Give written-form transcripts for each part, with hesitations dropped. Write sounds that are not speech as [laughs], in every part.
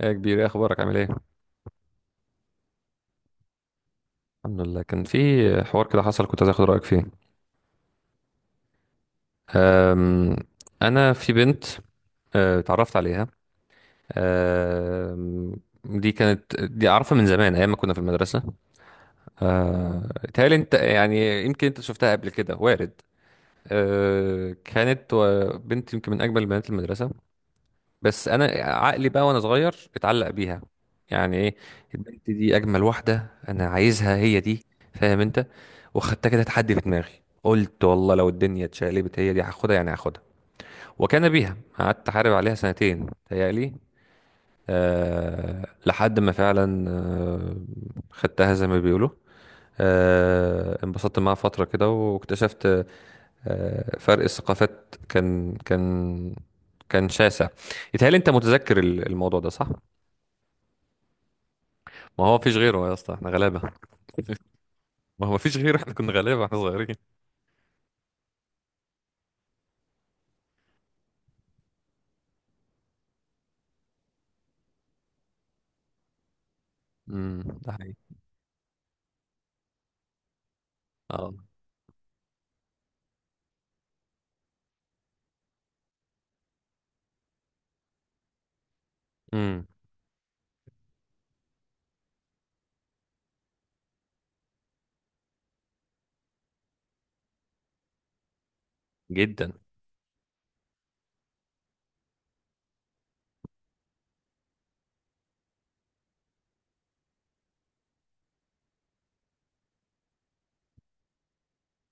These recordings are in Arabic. ايه يا كبير، ايه اخبارك؟ عامل ايه؟ الحمد لله. كان في حوار كده حصل، كنت عايز اخد رايك فيه. أم، انا في بنت. اتعرفت عليها. أم، دي اعرفها من زمان، ايام ما كنا في المدرسه. أه، تهيألي انت، يعني يمكن انت شفتها قبل كده، وارد. كانت بنت يمكن من اجمل بنات المدرسه. بس انا عقلي بقى وانا صغير اتعلق بيها. يعني ايه؟ البنت دي اجمل واحده، انا عايزها، هي دي، فاهم انت؟ وخدتها كده تحدي في دماغي، قلت والله لو الدنيا اتشقلبت هي دي هاخدها، يعني هاخدها. وكان بيها، قعدت احارب عليها سنتين تهيألي. أه، لحد ما فعلا، أه، خدتها زي ما بيقولوا. أه، انبسطت معاها فترة كده، واكتشفت، أه، فرق الثقافات كان كان شاسع. يتهيألي انت متذكر الموضوع ده صح؟ ما هو مفيش غيره يا اسطى، احنا غلابه. [laughs] ما هو مفيش غيره، احنا كنا غلابه، احنا صغيرين. امم، ده حقيقي. اه. امم. جدا.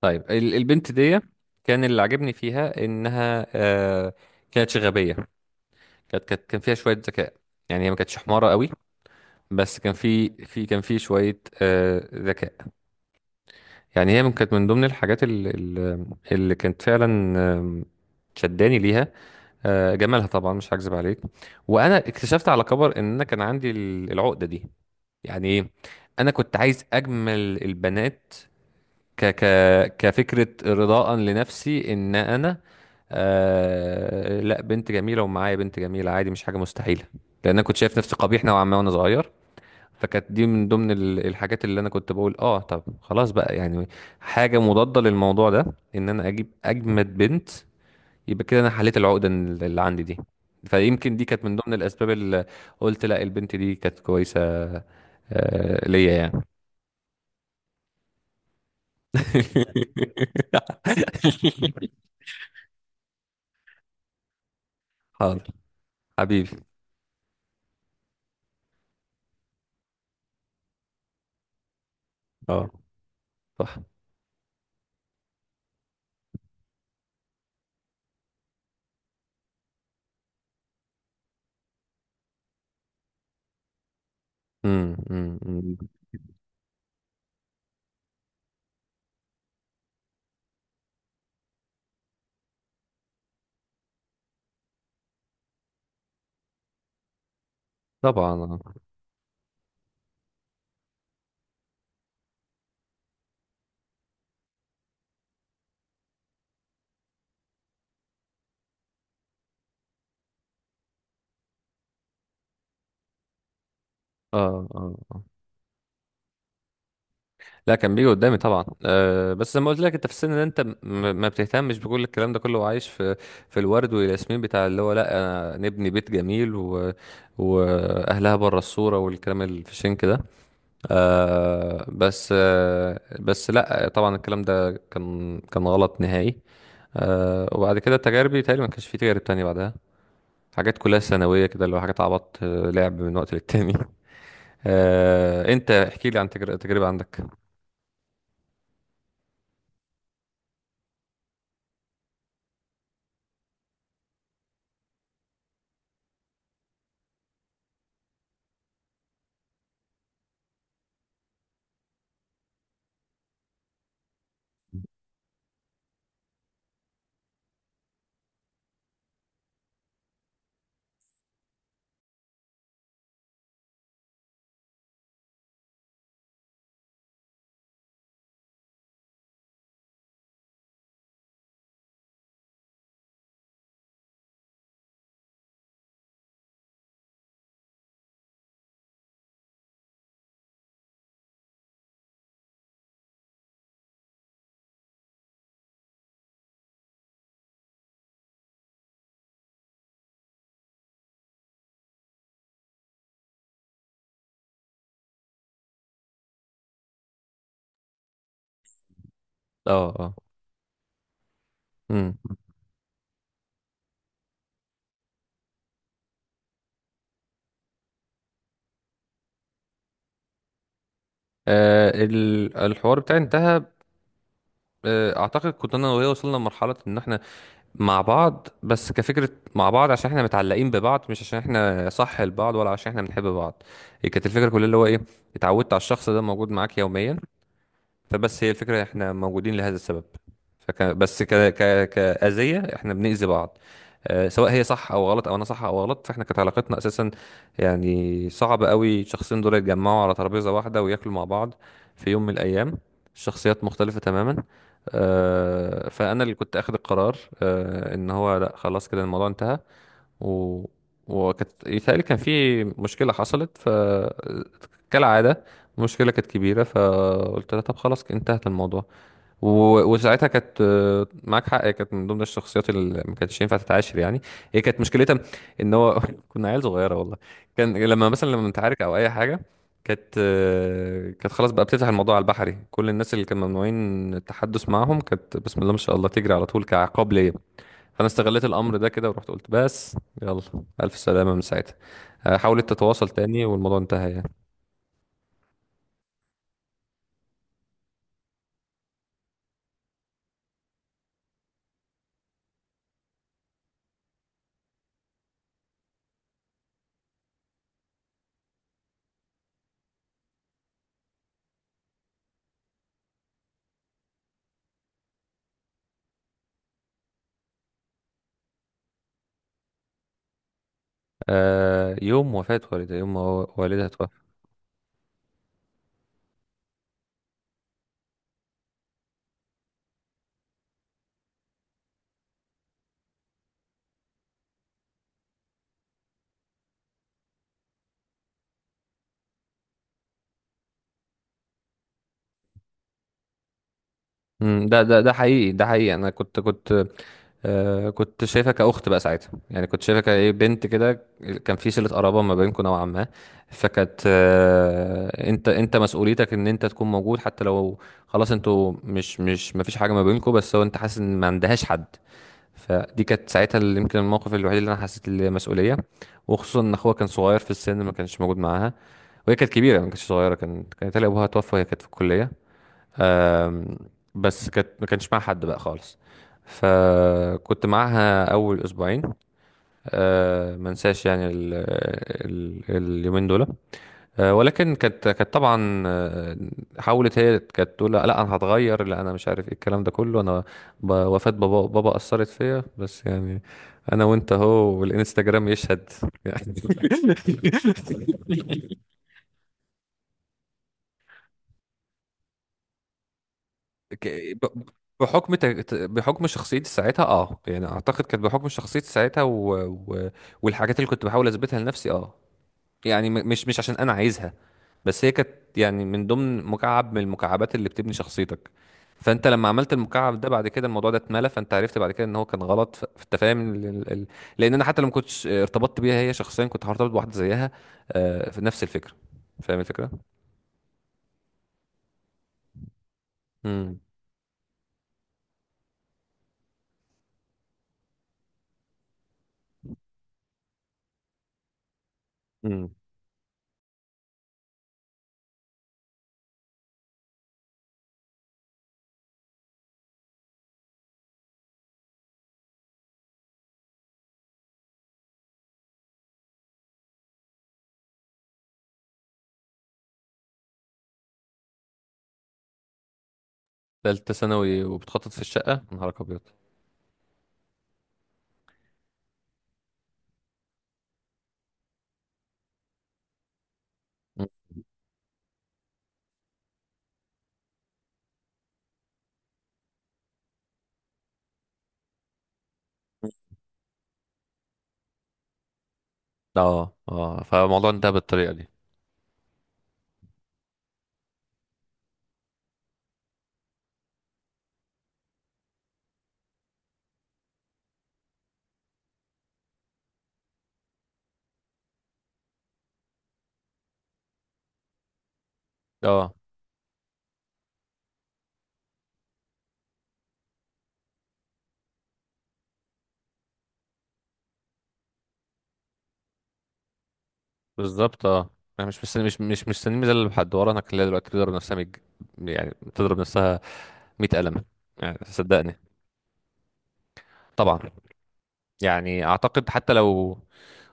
طيب، البنت دي كان اللي عجبني فيها انها، آه، كانت غبيه. كانت كان فيها شويه ذكاء، يعني هي ما كانتش حماره قوي، بس كان في شويه آه ذكاء. يعني هي كانت من ضمن الحاجات اللي، اللي كانت فعلا، آم، شداني ليها. جمالها طبعا مش هكذب عليك. وانا اكتشفت على كبر ان انا كان عندي العقده دي. يعني ايه؟ انا كنت عايز اجمل البنات. ك ك كفكره رضاء لنفسي، ان انا، آه، لا بنت جميله ومعايا بنت جميله عادي، مش حاجه مستحيله. لان انا كنت شايف نفسي قبيح نوعا ما وانا صغير. فكانت دي من ضمن الحاجات اللي انا كنت بقول اه طب خلاص بقى، يعني حاجه مضاده للموضوع ده، ان انا اجيب اجمد بنت، يبقى كده انا حليت العقده اللي عندي دي. فيمكن دي كانت من ضمن الاسباب اللي، قلت لا البنت دي كانت كويسه، ليا يعني. [laughs] حاضر. حبيبي. اه، صح. أمم، أمم، أمم. طبعا اه. اه. آه، آه. لا، كان بيجي قدامي طبعا، آه، بس زي ما قلت لك، انت في السن ده انت ما بتهتمش بكل الكلام ده كله، وعايش في، في الورد والياسمين بتاع اللي هو لا، أنا نبني بيت جميل و... واهلها بره الصوره، والكلام الفشنك ده. آه بس آه بس، لا، طبعا الكلام ده كان غلط نهائي. آه، وبعد كده تجاربي تقريبا ما كانش في تجارب تانية بعدها. حاجات كلها ثانوية كده، اللي هو حاجات عبط، آه، لعب من وقت للتاني. [laughs] آه، انت احكي لي عن تجربة عندك. اه. اه. امم. آه، الحوار بتاعي انتهى. آه، اعتقد كنت انا وهي وصلنا لمرحلة ان احنا مع بعض بس كفكرة، مع بعض عشان احنا متعلقين ببعض، مش عشان احنا صح لبعض، ولا عشان احنا بنحب بعض. هي كانت الفكرة كلها اللي هو ايه، اتعودت على الشخص ده موجود معاك يوميا، فبس هي الفكرة احنا موجودين لهذا السبب. فك... بس ك... ك... كأذية احنا بنأذي بعض. آه، سواء هي صح او غلط، او انا صح او غلط، فاحنا كانت علاقتنا اساسا، يعني صعب قوي الشخصين دول يتجمعوا على ترابيزة واحدة وياكلوا مع بعض في يوم من الايام. الشخصيات مختلفة تماما. آه، فانا اللي كنت اخد القرار، آه، ان هو لا خلاص كده الموضوع انتهى. و... وكانت يتهيألي كان في مشكلة حصلت، ف كالعادة المشكلة كانت كبيرة، فقلت لها طب خلاص انتهت الموضوع. و... وساعتها كانت، آه، معاك حق، هي كانت من ضمن الشخصيات اللي ما كانتش ينفع تتعاشر يعني. هي كانت مشكلتها ان هو [laughs] كنا عيال صغيرة والله. كان لما مثلا لما نتعارك او اي حاجة، كانت، آه، كانت خلاص بقى بتفتح الموضوع على البحري، كل الناس اللي كانوا ممنوعين التحدث معاهم كانت بسم الله ما شاء الله تجري على طول كعقاب ليا. فانا استغليت الامر ده كده ورحت قلت بس يلا، الف سلامه. من ساعتها، آه، حاولت تتواصل تاني والموضوع انتهى يعني. آه، يوم وفاه والدها، يوم ما والدها توفى. ده حقيقي، ده حقيقي، انا كنت، آه، كنت شايفها كاخت بقى ساعتها، يعني كنت شايفها كايه، بنت كده، كان في صله قرابه ما بينكم نوعا ما. فكانت، آه، انت مسؤوليتك ان انت تكون موجود، حتى لو خلاص انتوا مش ما فيش حاجه ما بينكم، بس هو انت حاسس ان ما عندهاش حد. فدي كانت ساعتها اللي يمكن الموقف الوحيد اللي انا حسيت المسؤوليه، وخصوصا ان اخوها كان صغير في السن، ما كانش موجود معاها. وهي كانت كبيره، ما كانتش صغيره، كان كانت هي ابوها توفى وهي كانت في الكليه. أم، بس كانت، ما كانش معاها حد بقى خالص. فكنت معاها اول اسبوعين، أه، ما انساش يعني ال... ال... اليومين دول. آه، ولكن كانت طبعا، آه، حاولت، هي كانت تقول لا لا انا هتغير، لا انا مش عارف ايه الكلام ده كله، انا وفاة بابا، بابا اثرت فيا، بس يعني انا وانت اهو والانستجرام يشهد يعني. [laughs] ك- ب- بحكم بحكم شخصيتي ساعتها، اه، يعني اعتقد كانت بحكم شخصيتي ساعتها و... و... والحاجات اللي كنت بحاول اثبتها لنفسي، اه يعني، مش عشان انا عايزها، بس هي كانت يعني من ضمن مكعب من المكعبات اللي بتبني شخصيتك. فانت لما عملت المكعب ده بعد كده الموضوع ده اتملى، فانت عرفت بعد كده ان هو كان غلط، فانت فاهم لان انا حتى لو ما كنتش ارتبطت بيها هي شخصيا كنت هرتبط بواحده زيها، آه، في نفس الفكره. فاهم الفكره. امم. امم. ثالثه ثانوي وبتخطط في الشقه، يا نهارك ابيض! مم. اه. اه، فالموضوع انتهى بالطريقه دي. اه، بالظبط اه. انا مش مستني، مش مستني ميزة لحد ورا. انا كلها دلوقتي بتضرب نفسها يعني بتضرب نفسها 100 قلم يعني، صدقني. طبعا. يعني اعتقد حتى لو،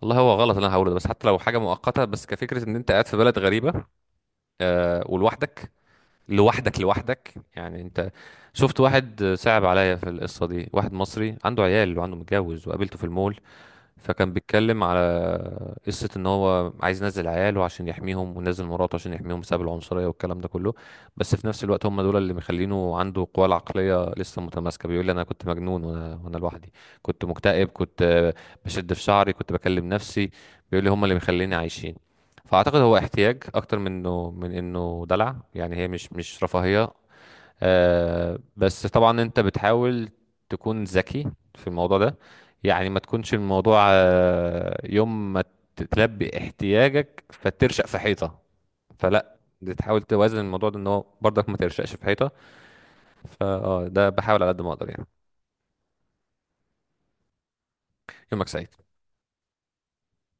والله هو غلط اللي انا هقوله ده، بس حتى لو حاجه مؤقته بس كفكره، ان انت قاعد في بلد غريبه، آه، ولوحدك. لوحدك يعني انت، شفت واحد صعب عليا في القصه دي، واحد مصري عنده عيال وعنده متجوز، وقابلته في المول، فكان بيتكلم على قصة ان هو عايز ينزل عياله عشان يحميهم، ونزل مراته عشان يحميهم، بسبب العنصرية والكلام ده كله. بس في نفس الوقت هم دول اللي مخلينه عنده القوة العقلية لسه متماسكة. بيقول لي انا كنت مجنون، وانا لوحدي، كنت مكتئب، كنت، آه، بشد في شعري، كنت بكلم نفسي. بيقول لي هم اللي مخليني عايشين. فاعتقد هو احتياج اكتر من انه، من انه دلع، يعني هي مش رفاهية. آه، بس طبعا انت بتحاول تكون ذكي في الموضوع ده، يعني ما تكونش الموضوع، آه، يوم ما تتلبي احتياجك فترشق في حيطة، فلا بتحاول توازن الموضوع ده، ان هو برضك ما ترشقش في حيطة، فاه ده بحاول على قد ما اقدر يعني. يومك سعيد.